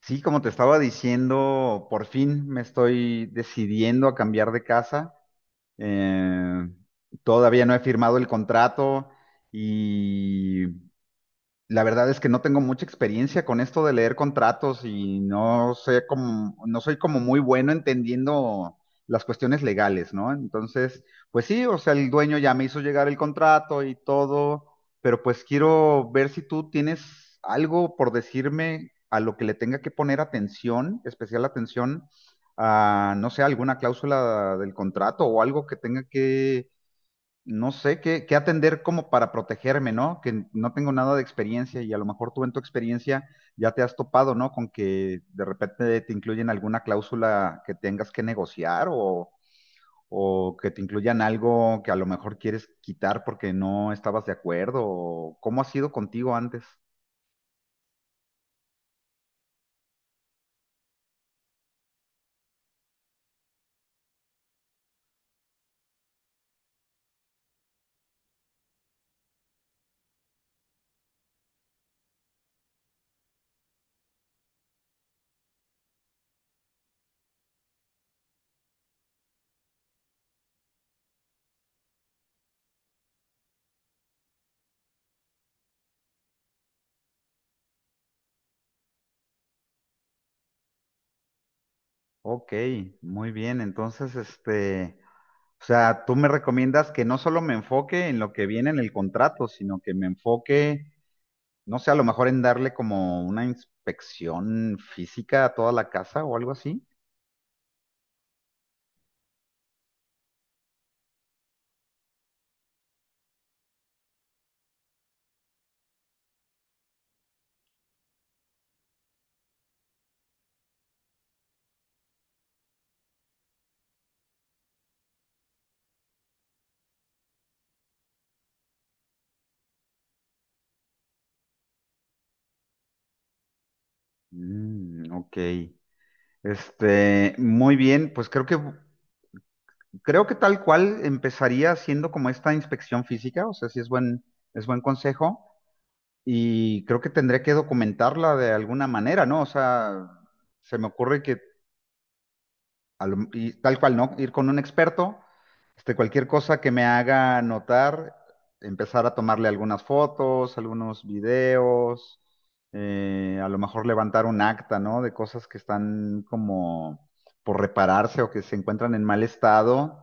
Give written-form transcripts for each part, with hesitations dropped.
Sí, como te estaba diciendo, por fin me estoy decidiendo a cambiar de casa. Eh, todavía no he firmado el contrato y la verdad es que no tengo mucha experiencia con esto de leer contratos y no sé cómo, no soy como muy bueno entendiendo las cuestiones legales, ¿no? Entonces, pues sí, o sea, el dueño ya me hizo llegar el contrato y todo, pero pues quiero ver si tú tienes algo por decirme a lo que le tenga que poner atención, especial atención a, no sé, alguna cláusula del contrato o algo que tenga que no sé qué, qué atender como para protegerme, ¿no? Que no tengo nada de experiencia y a lo mejor tú en tu experiencia ya te has topado, ¿no? Con que de repente te incluyen alguna cláusula que tengas que negociar o que te incluyan algo que a lo mejor quieres quitar porque no estabas de acuerdo o cómo ha sido contigo antes. Ok, muy bien. Entonces, este, o sea, tú me recomiendas que no solo me enfoque en lo que viene en el contrato, sino que me enfoque, no sé, a lo mejor en darle como una inspección física a toda la casa o algo así. Mm, ok. Este, muy bien, pues creo que tal cual empezaría haciendo como esta inspección física, o sea, sí es buen consejo y creo que tendré que documentarla de alguna manera, ¿no? O sea, se me ocurre que y tal cual, ¿no? Ir con un experto, este, cualquier cosa que me haga notar, empezar a tomarle algunas fotos, algunos videos, a lo mejor levantar un acta, ¿no? De cosas que están como por repararse o que se encuentran en mal estado.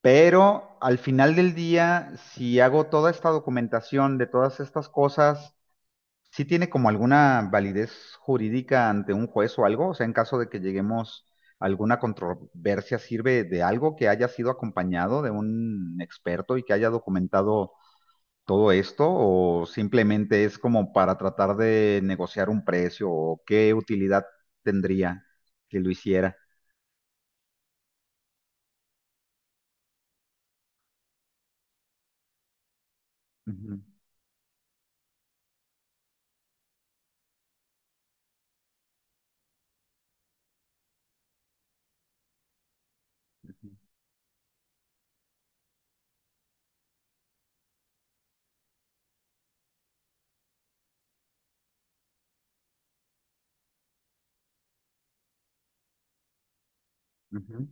Pero al final del día, si hago toda esta documentación de todas estas cosas, ¿sí tiene como alguna validez jurídica ante un juez o algo? O sea, en caso de que lleguemos a alguna controversia, ¿sirve de algo que haya sido acompañado de un experto y que haya documentado todo esto? ¿O simplemente es como para tratar de negociar un precio? ¿O qué utilidad tendría que lo hiciera? Ujú, ujú.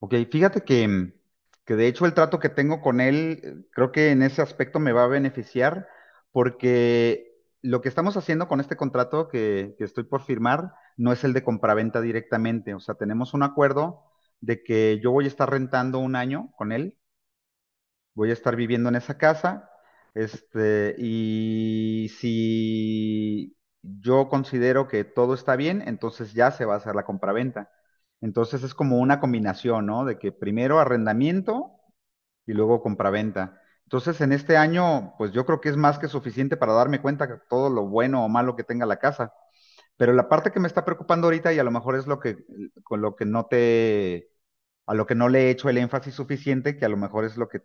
Ok, fíjate que, mm, que de hecho el trato que tengo con él, creo que en ese aspecto me va a beneficiar porque lo que estamos haciendo con este contrato que estoy por firmar no es el de compraventa directamente. O sea, tenemos un acuerdo de que yo voy a estar rentando un año con él, voy a estar viviendo en esa casa, este, y si yo considero que todo está bien, entonces ya se va a hacer la compraventa. Entonces es como una combinación, ¿no? De que primero arrendamiento y luego compraventa. Entonces en este año, pues yo creo que es más que suficiente para darme cuenta de todo lo bueno o malo que tenga la casa. Pero la parte que me está preocupando ahorita, y a lo mejor es lo con lo que no te, a lo que no le he hecho el énfasis suficiente, que a lo mejor es lo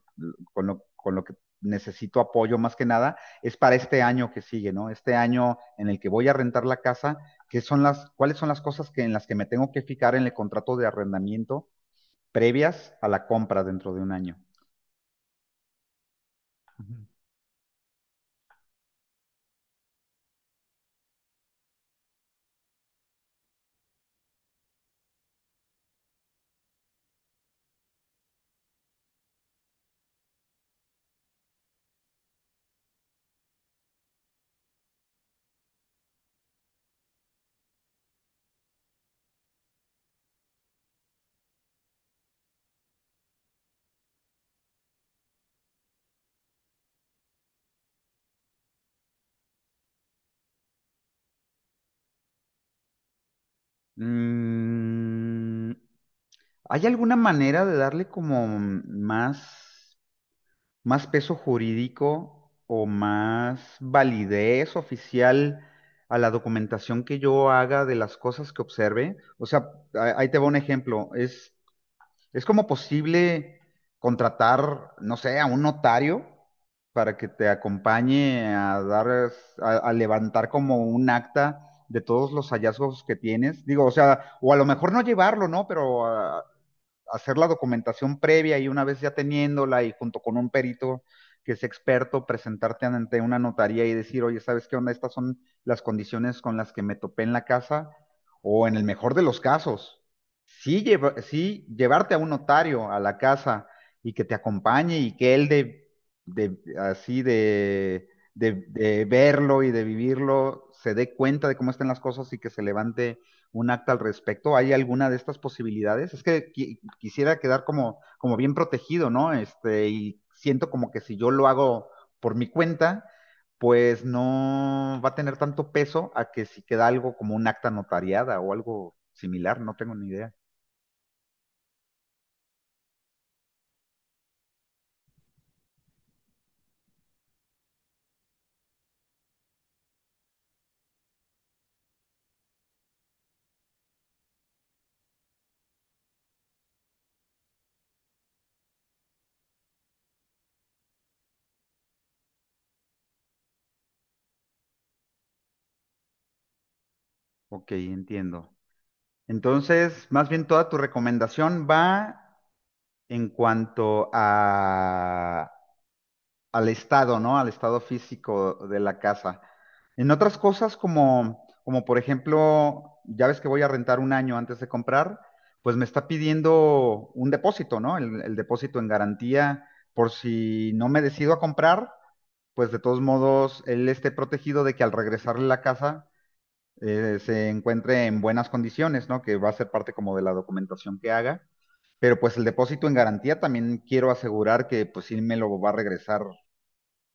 con lo que necesito apoyo más que nada, es para este año que sigue, ¿no? Este año en el que voy a rentar la casa, ¿qué son cuáles son las cosas en las que me tengo que fijar en el contrato de arrendamiento previas a la compra dentro de un año? Ujú. Mm, ¿hay alguna manera de darle como más? Más peso jurídico o más validez oficial a la documentación que yo haga de las cosas que observe. O sea, ahí te va un ejemplo. Es como posible contratar, no sé, a un notario para que te acompañe a a levantar como un acta de todos los hallazgos que tienes. Digo, o sea, o a lo mejor no llevarlo, ¿no? Pero hacer la documentación previa y una vez ya teniéndola y junto con un perito que es experto, presentarte ante una notaría y decir, oye, ¿sabes qué onda? Estas son las condiciones con las que me topé en la casa o en el mejor de los casos. Sí, sí llevarte a un notario a la casa y que te acompañe y que él de así de verlo y de vivirlo se dé cuenta de cómo están las cosas y que se levante un acta al respecto. ¿Hay alguna de estas posibilidades? Es que quisiera quedar como bien protegido, ¿no? Este, y siento como que si yo lo hago por mi cuenta, pues no va a tener tanto peso a que si queda algo como un acta notariada o algo similar, no tengo ni idea. Ok, entiendo. Entonces, más bien toda tu recomendación va en cuanto a al estado, ¿no? Al estado físico de la casa. En otras cosas como por ejemplo, ya ves que voy a rentar un año antes de comprar, pues me está pidiendo un depósito, ¿no? El depósito en garantía por si no me decido a comprar, pues de todos modos él esté protegido de que al regresarle la casa, se encuentre en buenas condiciones, ¿no? Que va a ser parte como de la documentación que haga. Pero pues el depósito en garantía también quiero asegurar que pues sí me lo va a regresar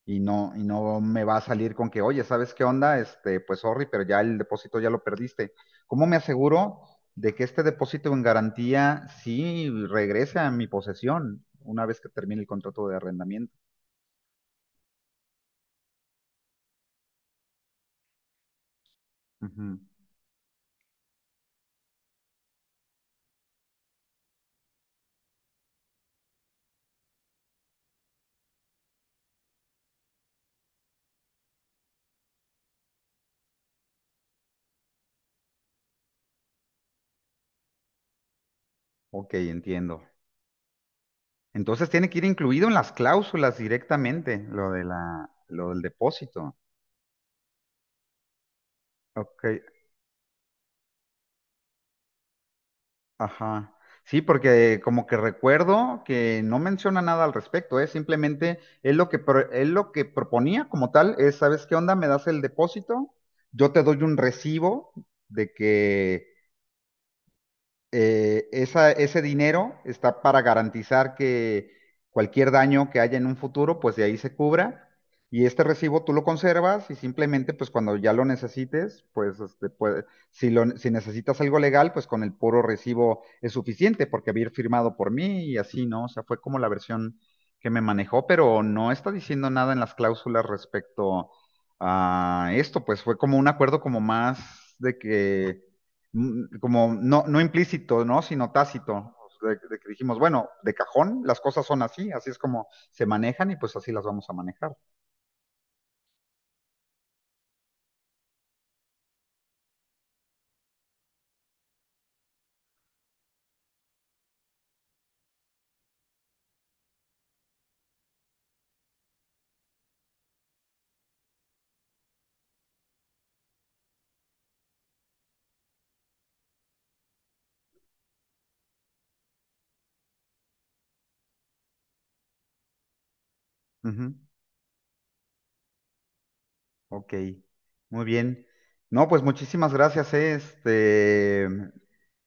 y no me va a salir con que, oye, ¿sabes qué onda? Este, pues sorry, pero ya el depósito ya lo perdiste. ¿Cómo me aseguro de que este depósito en garantía sí regrese a mi posesión una vez que termine el contrato de arrendamiento? Ujú. Ok, entiendo. Entonces tiene que ir incluido en las cláusulas directamente, lo de lo del depósito. Ok, ajá. Sí, porque como que recuerdo que no menciona nada al respecto, ¿eh? Simplemente él lo que proponía como tal es, ¿sabes qué onda? Me das el depósito, yo te doy un recibo de que ese dinero está para garantizar que cualquier daño que haya en un futuro, pues de ahí se cubra. Y este recibo tú lo conservas y simplemente, pues cuando ya lo necesites, pues, este, pues, si necesitas algo legal, pues con el puro recibo es suficiente porque había firmado por mí y así, ¿no? O sea, fue como la versión que me manejó, pero no está diciendo nada en las cláusulas respecto a esto, pues fue como un acuerdo como más de que mm, como no implícito, ¿no? Sino tácito. De que dijimos, bueno, de cajón, las cosas son así, así es como se manejan y pues así las vamos a manejar. Ujú, ok, muy bien. No, pues muchísimas gracias, este,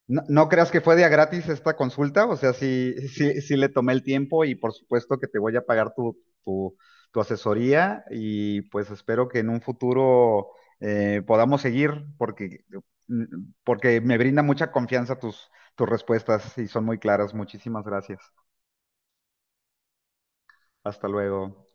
no, no creas que fue de a gratis esta consulta, o sea, sí, sí, sí le tomé el tiempo y por supuesto que te voy a pagar tu asesoría y pues espero que en un futuro podamos seguir porque me brinda mucha confianza tus respuestas y son muy claras. Muchísimas gracias. Hasta luego.